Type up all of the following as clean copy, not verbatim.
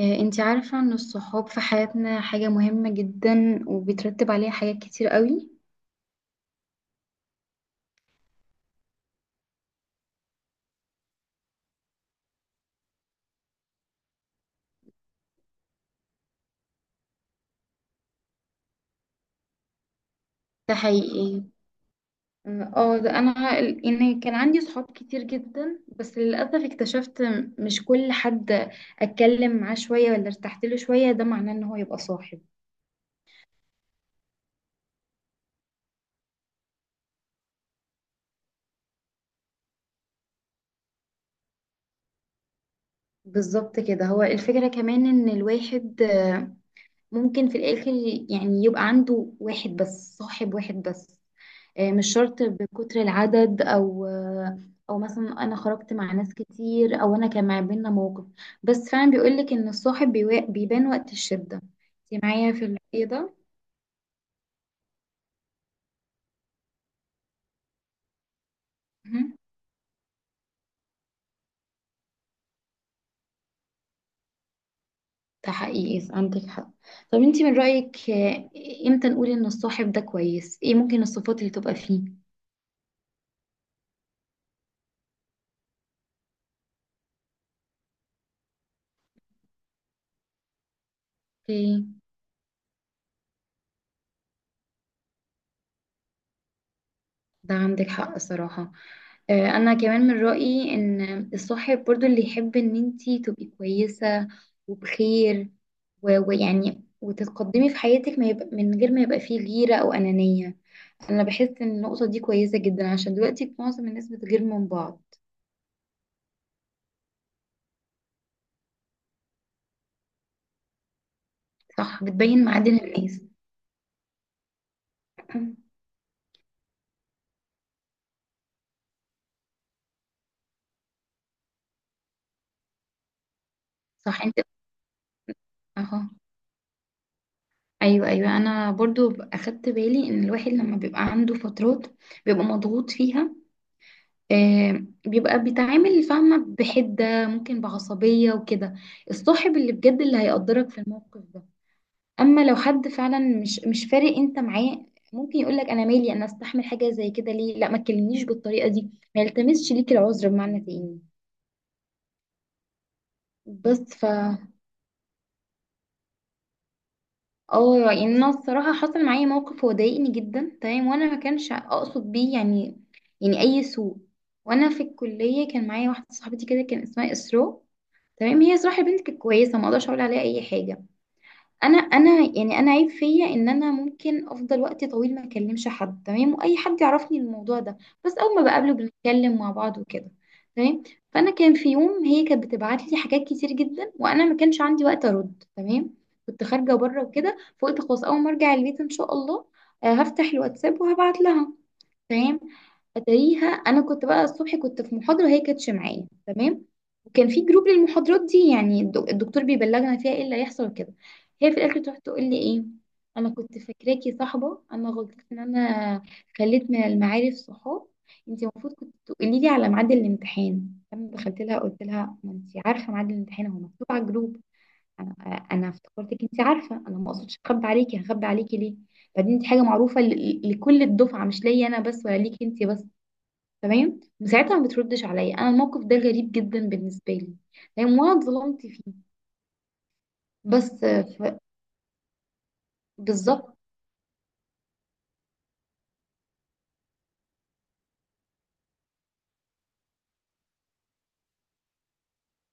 انتي عارفة ان الصحاب في حياتنا حاجة مهمة جدا وبيترتب عليها حاجات كتير قوي. ده حقيقي. ده انا يعني كان عندي صحاب كتير جدا، بس للأسف اكتشفت مش كل حد اتكلم معاه شوية ولا ارتحت له شوية ده معناه ان هو يبقى صاحب. بالظبط كده، هو الفكرة كمان ان الواحد ممكن في الاخر يعني يبقى عنده واحد بس، صاحب واحد بس. مش شرط بكتر العدد، او او مثلا انا خرجت مع ناس كتير او انا كان ما بينا موقف. بس فعلا بيقولك ان الصاحب بيبان وقت الشدة. انت معايا في الايه ده؟ مهم. ده حقيقي، عندك حق. طب انت من رأيك، امتى نقول ان الصاحب ده كويس؟ ايه ممكن الصفات اللي تبقى فيه؟ اوكي. ده عندك حق صراحة. انا كمان من رأيي ان الصاحب برضو اللي يحب ان انتي تبقي كويسة وبخير، ويعني وتتقدمي في حياتك، ما يبقى من غير ما يبقى فيه غيرة او انانية. انا بحس ان النقطة دي كويسة جدا عشان دلوقتي معظم الناس بتغير من بعض. صح، بتبين معادن الناس. صح انت. اهو. ايوه، ايوه، انا برضو اخدت بالي ان الواحد لما بيبقى عنده فترات بيبقى مضغوط فيها، بيبقى بيتعامل فاهمة بحدة، ممكن بعصبية وكده. الصاحب اللي بجد اللي هيقدرك في الموقف ده. أما لو حد فعلا مش فارق أنت معاه، ممكن يقولك، أنا مالي؟ أنا أستحمل حاجة زي كده ليه؟ لا ما تكلمنيش بالطريقة دي. ما يلتمسش ليك العذر بمعنى تاني. بس اه يعني انا الصراحة حصل معايا موقف هو ضايقني جدا تمام، وانا ما كانش اقصد بيه يعني يعني اي سوء. وانا في الكلية كان معايا واحدة صاحبتي كده، كان اسمها اسراء. تمام، هي صراحة بنتك كويسة، ما اقدرش اقول عليها اي حاجة. انا يعني انا عيب فيا ان انا ممكن افضل وقت طويل ما اكلمش حد تمام، واي حد يعرفني الموضوع ده. بس اول ما بقابله بنتكلم مع بعض وكده. تمام. فانا كان في يوم هي كانت بتبعت لي حاجات كتير جدا وانا ما كانش عندي وقت ارد، تمام. كنت خارجة بره وكده، فقلت خلاص اول ما ارجع البيت ان شاء الله هفتح الواتساب وهبعت لها. تمام. اتاريها انا كنت بقى الصبح كنت في محاضره وهي كانتش معايا، تمام. وكان في جروب للمحاضرات دي يعني الدكتور بيبلغنا فيها ايه اللي هيحصل وكده. هي في الاخر تروح تقول لي ايه؟ انا كنت فاكراكي صاحبه، انا غلطت ان انا خليت من المعارف صحاب. انت المفروض كنت تقولي لي على ميعاد الامتحان. لما دخلت لها قلت لها، ما انت عارفه ميعاد الامتحان هو مكتوب على الجروب. انا انا افتكرتك انت عارفه، انا ما اقصدش اخبي عليكي، هخبي عليكي ليه؟ بعدين دي حاجه معروفه لكل الدفعه، مش ليا انا بس ولا ليكي انت بس. تمام، وساعتها ما بتردش عليا. انا الموقف ده غريب جدا بالنسبه لي، لان وانا اتظلمت فيه. بس بالظبط.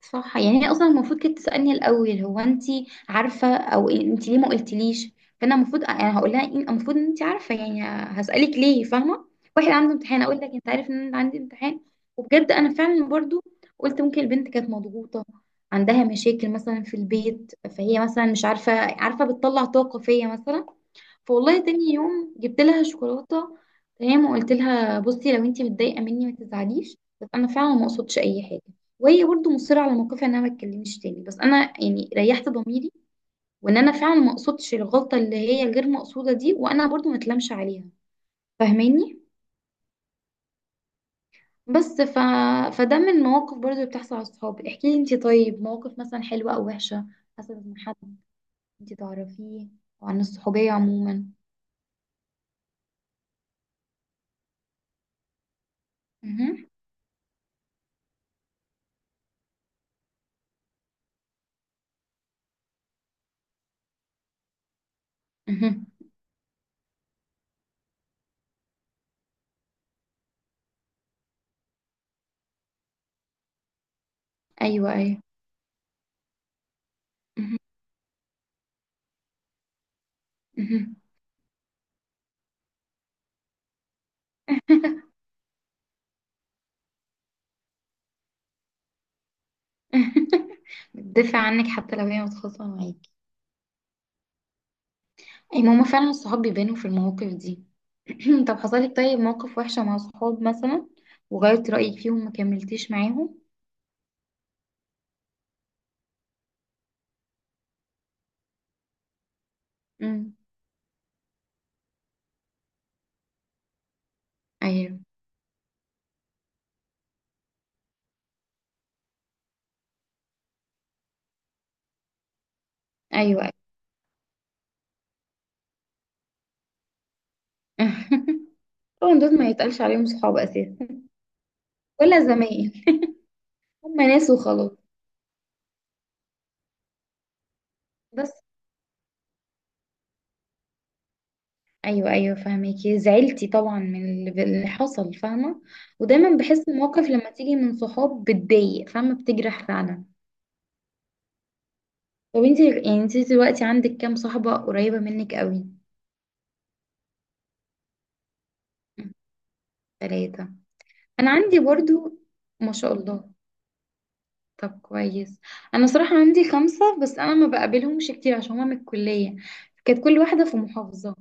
صح، يعني هي اصلا المفروض كانت تسالني الاول، هو انت عارفه، او انت ليه ما قلتليش؟ فانا المفروض انا هقول لها المفروض ان انت عارفه يعني، هسالك ليه؟ فاهمه؟ واحد عنده امتحان اقول لك انت عارف ان انا عندي امتحان؟ وبجد انا فعلا برضو قلت ممكن البنت كانت مضغوطه، عندها مشاكل مثلا في البيت، فهي مثلا مش عارفه، عارفه بتطلع طاقه فيا مثلا. فوالله تاني يوم جبت لها شوكولاته، تمام، وقلت لها، بصي لو انت متضايقه مني ما تزعليش، بس انا فعلا ما قصدتش اي حاجه. وهي برضه مصرة على موقفها انها ما تكلمنيش تاني، بس انا يعني ريحت ضميري وان انا فعلا ما قصدتش الغلطة اللي هي غير مقصودة دي، وانا برضه ما اتلامش عليها. فاهماني؟ بس فده من المواقف برضه اللي بتحصل على الصحاب. احكي لي انتي طيب، مواقف مثلا حلوة او وحشة حصلت من حد انتي تعرفيه، او عن الصحوبية عموما. مهم. مهم. ايوه، ايوه. مهم. مهم. بتدافع عنك حتى لو هي متخاصمة معاكي. اي ماما، فعلا الصحاب بيبانوا في المواقف دي. طب حصلك طيب موقف وحشة مع صحاب مثلا، وغيرت رأيك فيهم ما كملتيش معاهم؟ امم. ايوه، ايوه، ايوه. طبعا دول ما يتقالش عليهم صحاب اساسا، ولا زمايل. هم ناس وخلاص. بس ايوه، ايوه، فاهمكي زعلتي طبعا من اللي حصل، فاهمه. ودايما بحس المواقف لما تيجي من صحاب بتضايق فاهمه، بتجرح فعلا. طب انت يعني، انت دلوقتي عندك كام صاحبه قريبه منك قوي؟ ثلاثه. انا عندي برضو. ما شاء الله. طب كويس. انا صراحة عندي 5، بس انا ما بقابلهمش كتير عشان هما من الكلية، كانت كل واحدة في محافظة،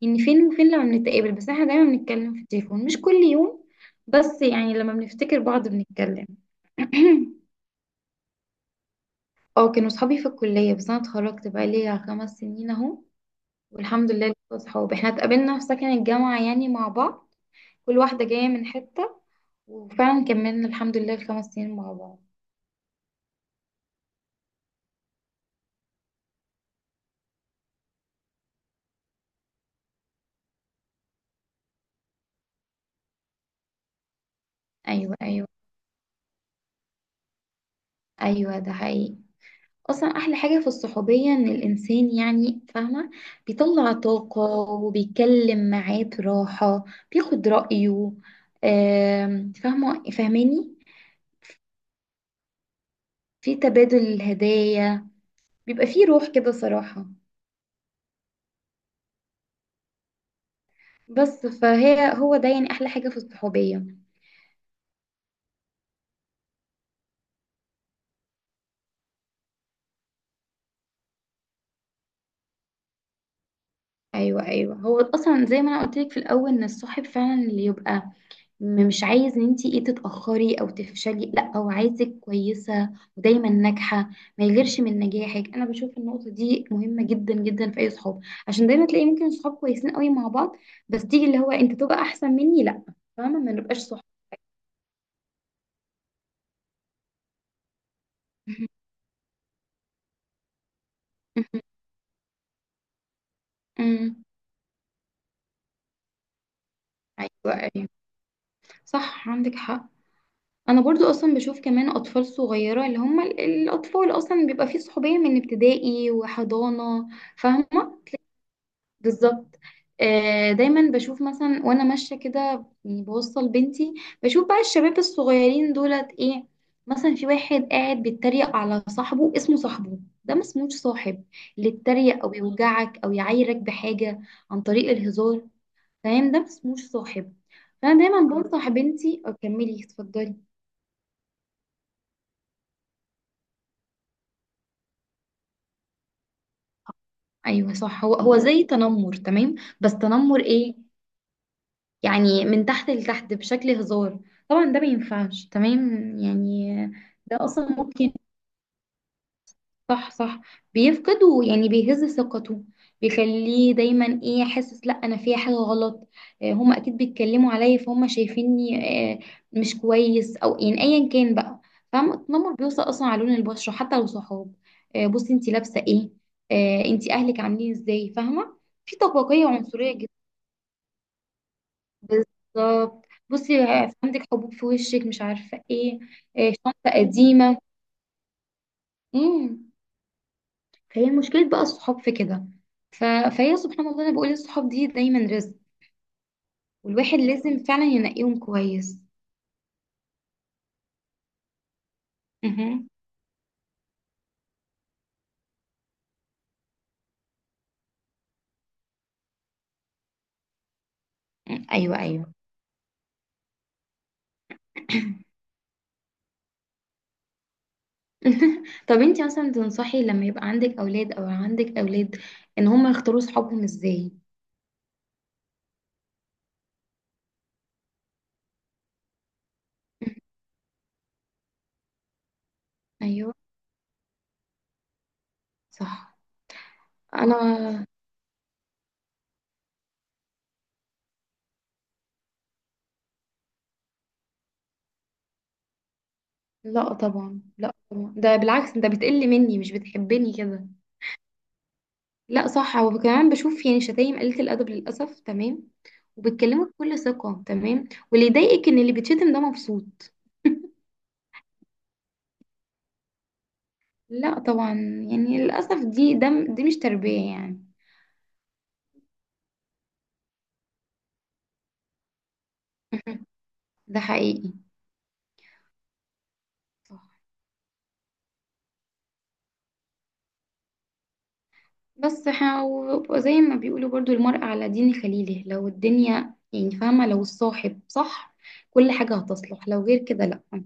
يعني فين وفين لما بنتقابل، بس احنا دايما بنتكلم في التليفون مش كل يوم، بس يعني لما بنفتكر بعض بنتكلم. اه، كانوا صحابي في الكلية بس انا اتخرجت بقى ليا 5 سنين اهو. والحمد لله لسه صحاب، احنا اتقابلنا في سكن الجامعة يعني مع بعض، كل واحدة جاية من حتة، وفعلا كملنا الحمد لله الخمس سنين مع بعض. ايوه، ايوه، ايوه، ده حقيقي. اصلا احلى حاجه في الصحوبيه ان الانسان يعني فاهمه بيطلع طاقه وبيتكلم معاه براحه، بياخد رايه. فاهمه، فاهماني؟ في تبادل الهدايا بيبقى فيه روح كده صراحه. بس فهي هو ده يعني احلى حاجه في الصحوبيه. ايوه، ايوه، هو اصلا زي ما انا قلت لك في الاول ان الصاحب فعلا اللي يبقى مش عايز ان انتي ايه تتأخري او تفشلي، لا هو عايزك كويسة ودايما ناجحة، ما يغيرش من نجاحك. انا بشوف النقطة دي مهمة جدا جدا في اي صحاب، عشان دايما تلاقي ممكن صحاب كويسين قوي مع بعض، بس تيجي اللي هو انت تبقى احسن مني، لا، فاهمة؟ ما نبقاش صحاب. أمم. ايوه، ايوه، صح، عندك حق. انا برضو اصلا بشوف كمان اطفال صغيره اللي هم الاطفال اصلا بيبقى فيه صحوبيه من ابتدائي وحضانه، فاهمه؟ بالظبط. دايما بشوف مثلا وانا ماشيه كده، يعني بوصل بنتي، بشوف بقى الشباب الصغيرين دولت ايه، مثلا في واحد قاعد بيتريق على صاحبه، اسمه صاحبه؟ ده ما اسموش صاحب. اللي يتريق او يوجعك او يعايرك بحاجه عن طريق الهزار، فاهم؟ ده ما اسموش صاحب. فانا دايما بنصح بنتي، اكملي اتفضلي. ايوه صح، هو هو زي تنمر تمام، بس تنمر ايه؟ يعني من تحت لتحت بشكل هزار، طبعا ده ما ينفعش تمام. يعني ده اصلا ممكن، صح، صح، بيفقد، ويعني بيهز ثقته، بيخليه دايما ايه حاسس، لا انا فيها حاجه غلط، هما اكيد بيتكلموا عليا فهم شايفيني آه، مش كويس، او يعني ايا كان بقى. فاهمه، التنمر بيوصل اصلا على لون البشره حتى لو صحاب، بصي انت لابسه ايه، انت اهلك عاملين ازاي، فاهمه؟ في طبقيه عنصريه جدا. بالظبط، بصي عندك حبوب في وشك مش عارفه ايه، إيه شنطه قديمه. امم. فهي مشكله بقى الصحاب في كده. ف... فهي سبحان الله، انا بقول الصحاب دي دايما رزق، والواحد لازم فعلا ينقيهم كويس. مهم. ايوه، ايوه. طب انتي مثلا تنصحي لما يبقى عندك اولاد، او عندك اولاد، ان هم يختاروا صحابهم ازاي؟ مهم. ايوه صح. انا لا طبعا، لا طبعا، ده بالعكس، ده بتقل مني مش بتحبني كده. لا صح، وكمان بشوف يعني شتايم قليلة الأدب للأسف تمام، وبتكلموا بكل ثقة تمام، واللي يضايقك إن اللي بيتشتم ده مبسوط. لا طبعا، يعني للأسف دي مش تربية يعني. ده حقيقي. صح، بس وزي ما بيقولوا برضو المرء على دين خليله، لو الدنيا يعني فاهمة لو الصاحب صح كل حاجة هتصلح، لو غير كده لا